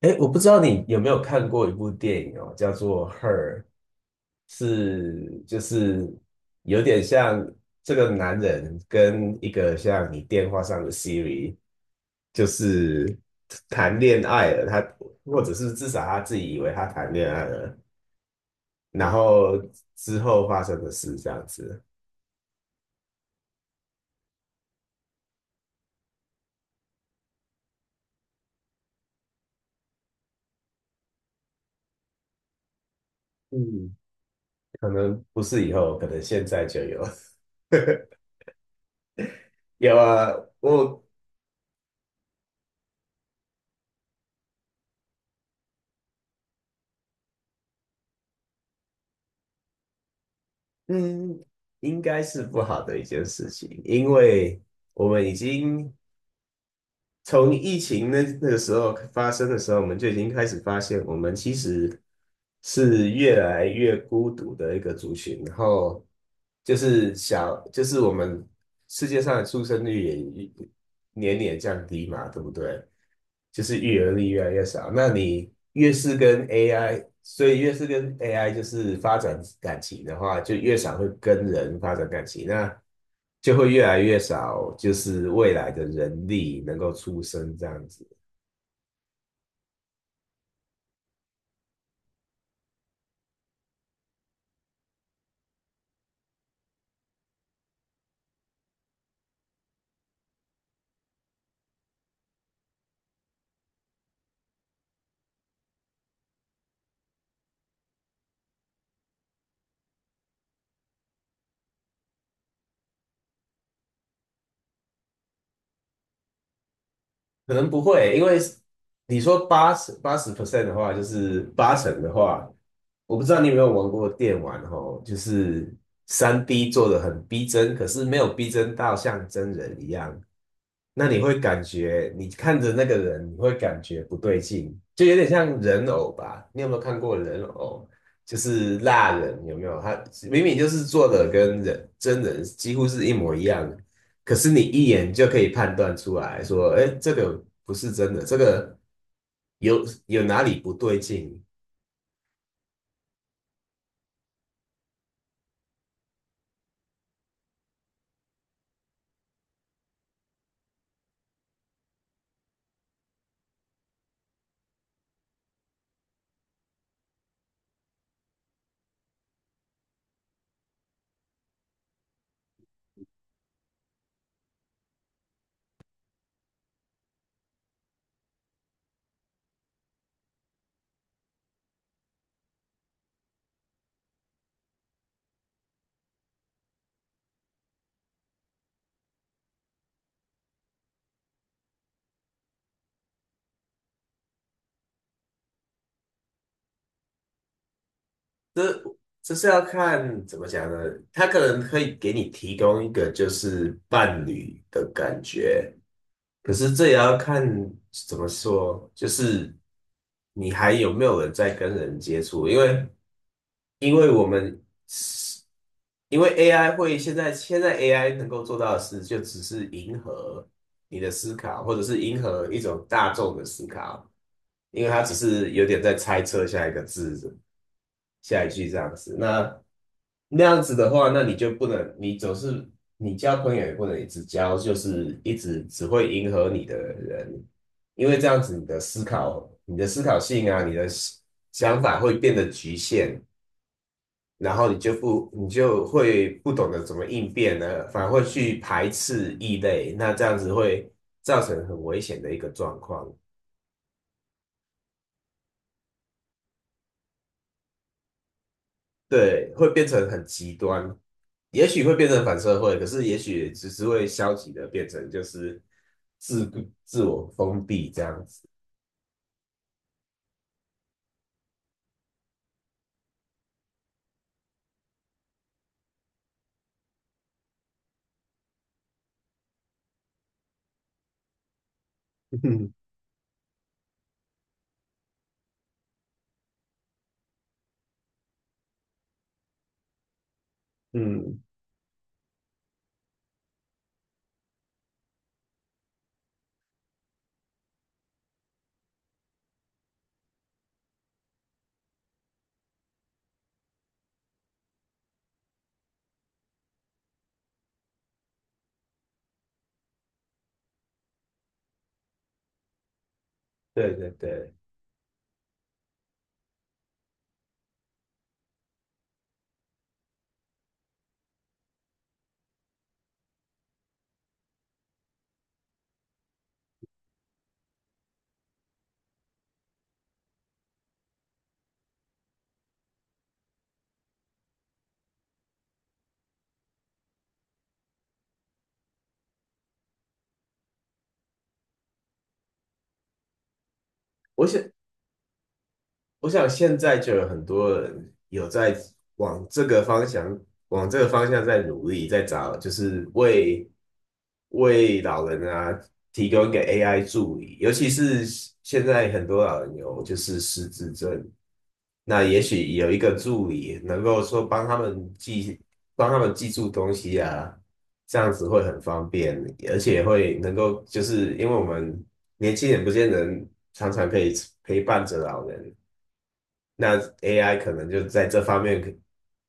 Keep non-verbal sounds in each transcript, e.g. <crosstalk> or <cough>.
哎，我不知道你有没有看过一部电影哦，叫做《Her》，是就是有点像这个男人跟一个像你电话上的 Siri，就是谈恋爱了，他或者是至少他自己以为他谈恋爱了，然后之后发生的事这样子。嗯，可能不是以后，可能现在就有。<laughs> 有啊，我嗯，应该是不好的一件事情，因为我们已经从疫情那个时候发生的时候，我们就已经开始发现，我们其实是越来越孤独的一个族群，然后就是小，就是我们世界上的出生率也年年降低嘛，对不对？就是育儿力越来越少。那你越是跟 AI，所以越是跟 AI 就是发展感情的话，就越少会跟人发展感情，那就会越来越少，就是未来的人力能够出生这样子。可能不会，因为你说八十 percent 的话，就是八成的话，我不知道你有没有玩过电玩哦，就是3D 做的很逼真，可是没有逼真到像真人一样。那你会感觉你看着那个人，你会感觉不对劲，就有点像人偶吧？你有没有看过人偶？就是蜡人有没有？他明明就是做的跟真人几乎是一模一样的，可是你一眼就可以判断出来说，哎，这个不是真的，这个有哪里不对劲？这这是要看怎么讲呢？他可能可以给你提供一个就是伴侣的感觉。可是这也要看怎么说，就是你还有没有人在跟人接触？因为我们因为 AI 会现在 AI 能够做到的事，就只是迎合你的思考，或者是迎合一种大众的思考，因为它只是有点在猜测下一个字下一句这样子。那样子的话，那你就不能，你总是你交朋友也不能一直交，就是一直只会迎合你的人，因为这样子你的思考、你的思考性啊，你的想法会变得局限，然后你就不，你就会不懂得怎么应变呢，反而会去排斥异类，那这样子会造成很危险的一个状况。对，会变成很极端，也许会变成反社会，可是也许只是会消极的变成就是自自我封闭这样子。<laughs> 嗯，对对对，我想我想现在就有很多人有在往这个方向，往这个方向在努力，在找，就是为老人啊提供一个 AI 助理，尤其是现在很多老人有就是失智症，那也许有一个助理能够说帮他们记，帮他们记住东西啊，这样子会很方便，而且会能够就是因为我们年轻人不见得常常可以陪伴着老人。那 AI 可能就在这方面可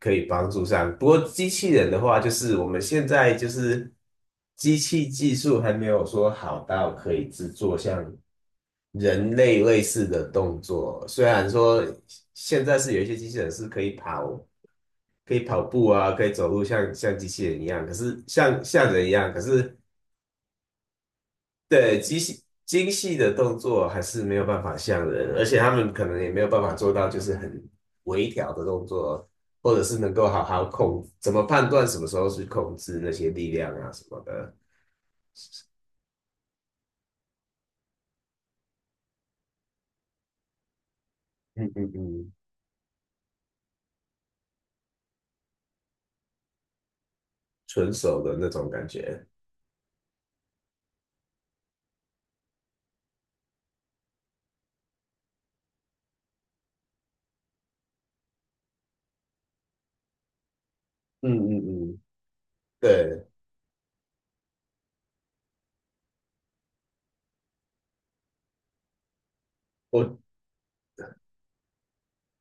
可以帮助上。不过机器人的话，就是我们现在就是机器技术还没有说好到可以制作像人类类似的动作。虽然说现在是有一些机器人是可以跑步啊，可以走路像机器人一样，可是像人一样，可是对，精细的动作还是没有办法像人，而且他们可能也没有办法做到，就是很微调的动作，或者是能够好好控，怎么判断什么时候去控制那些力量啊什么的。嗯嗯嗯，纯手的那种感觉。嗯嗯嗯，对，我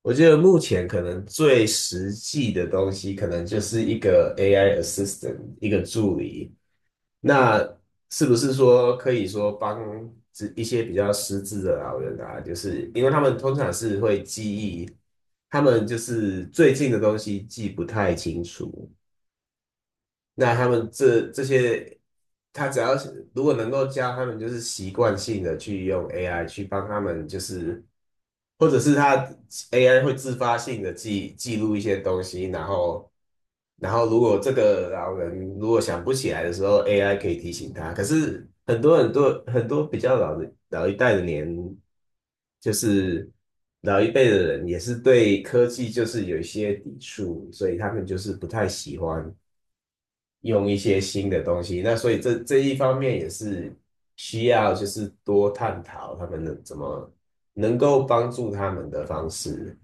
我觉得目前可能最实际的东西，可能就是一个 AI assistant，一个助理。那是不是说可以说帮这一些比较失智的老人啊，就是因为他们通常是会记忆，他们就是最近的东西记不太清楚，那他们这些，他只要是如果能够教他们，就是习惯性的去用 AI 去帮他们，就是或者是他 AI 会自发性的记录一些东西，然后如果这个老人如果想不起来的时候，AI 可以提醒他。可是很多很多很多比较老的老一代的就是老一辈的人也是对科技就是有一些抵触，所以他们就是不太喜欢。用一些新的东西。那所以这一方面也是需要就是多探讨他们能怎么能够帮助他们的方式。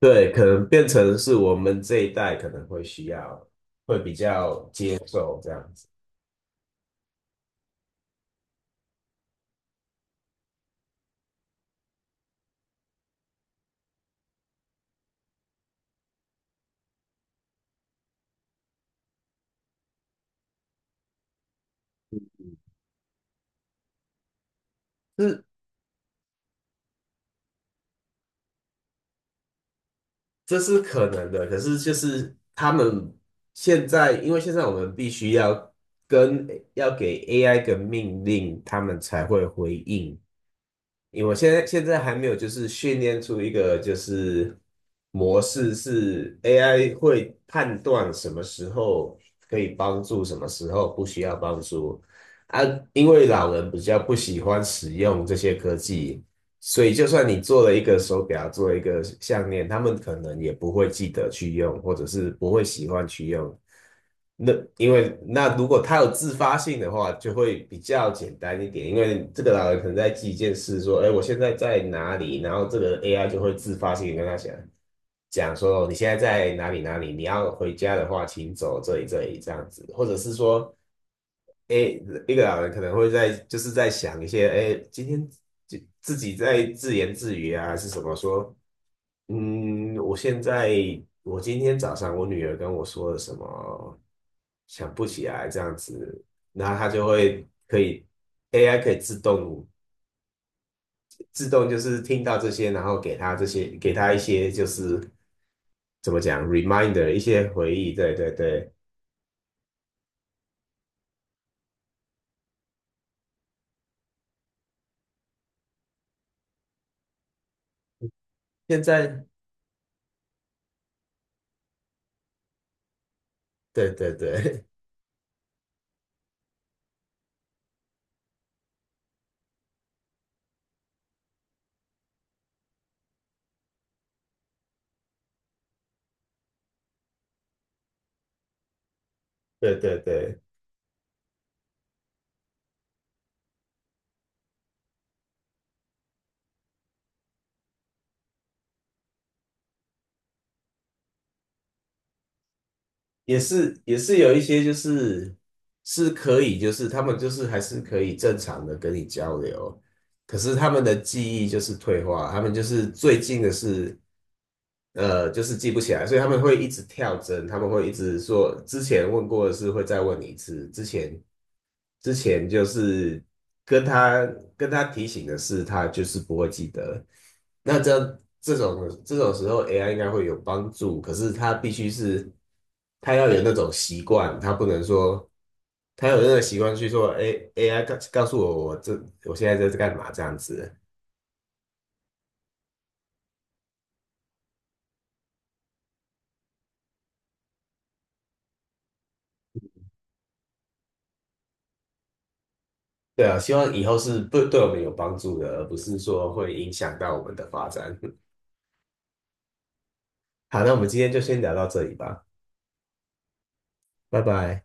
对，可能变成是我们这一代可能会需要，会比较接受这样子，是这是可能的。可是就是他们现在，因为现在我们必须跟要给 AI 个命令，他们才会回应。因为我现在还没有就是训练出一个就是模式是 AI 会判断什么时候可以帮助，什么时候不需要帮助啊。因为老人比较不喜欢使用这些科技，所以就算你做了一个手表，做了一个项链，他们可能也不会记得去用，或者是不会喜欢去用。那因为那如果他有自发性的话，就会比较简单一点。因为这个老人可能在记一件事，说：“哎，我现在在哪里？”然后这个 AI 就会自发性地跟他讲说：“哦你现在在哪里？哪里？你要回家的话，请走这里这里这样子。”或者是说，哎，一个老人可能会在就是在想一些，哎，今天自己在自言自语啊，还是什么说？嗯，我现在我今天早上我女儿跟我说了什么？想不起来这样子，然后它就会可以 AI 可以自动就是听到这些，然后给它一些就是怎么讲 reminder 一些回忆，对对对，现在对对对 <laughs> 对对对，也是有一些就是是可以就是他们就是还是可以正常的跟你交流，可是他们的记忆就是退化，他们就是最近的是。就是记不起来，所以他们会一直跳针，他们会一直说之前问过的事会再问你一次，之前就是跟他跟他提醒的事，他就是不会记得。那这种时候，AI 应该会有帮助，可是他必须是他要有那种习惯，他不能说他有那个习惯去说，哎，AI 告诉我现在在干嘛这样子。对啊，希望以后是对我们有帮助的，而不是说会影响到我们的发展。<laughs> 好，那我们今天就先聊到这里吧，拜拜。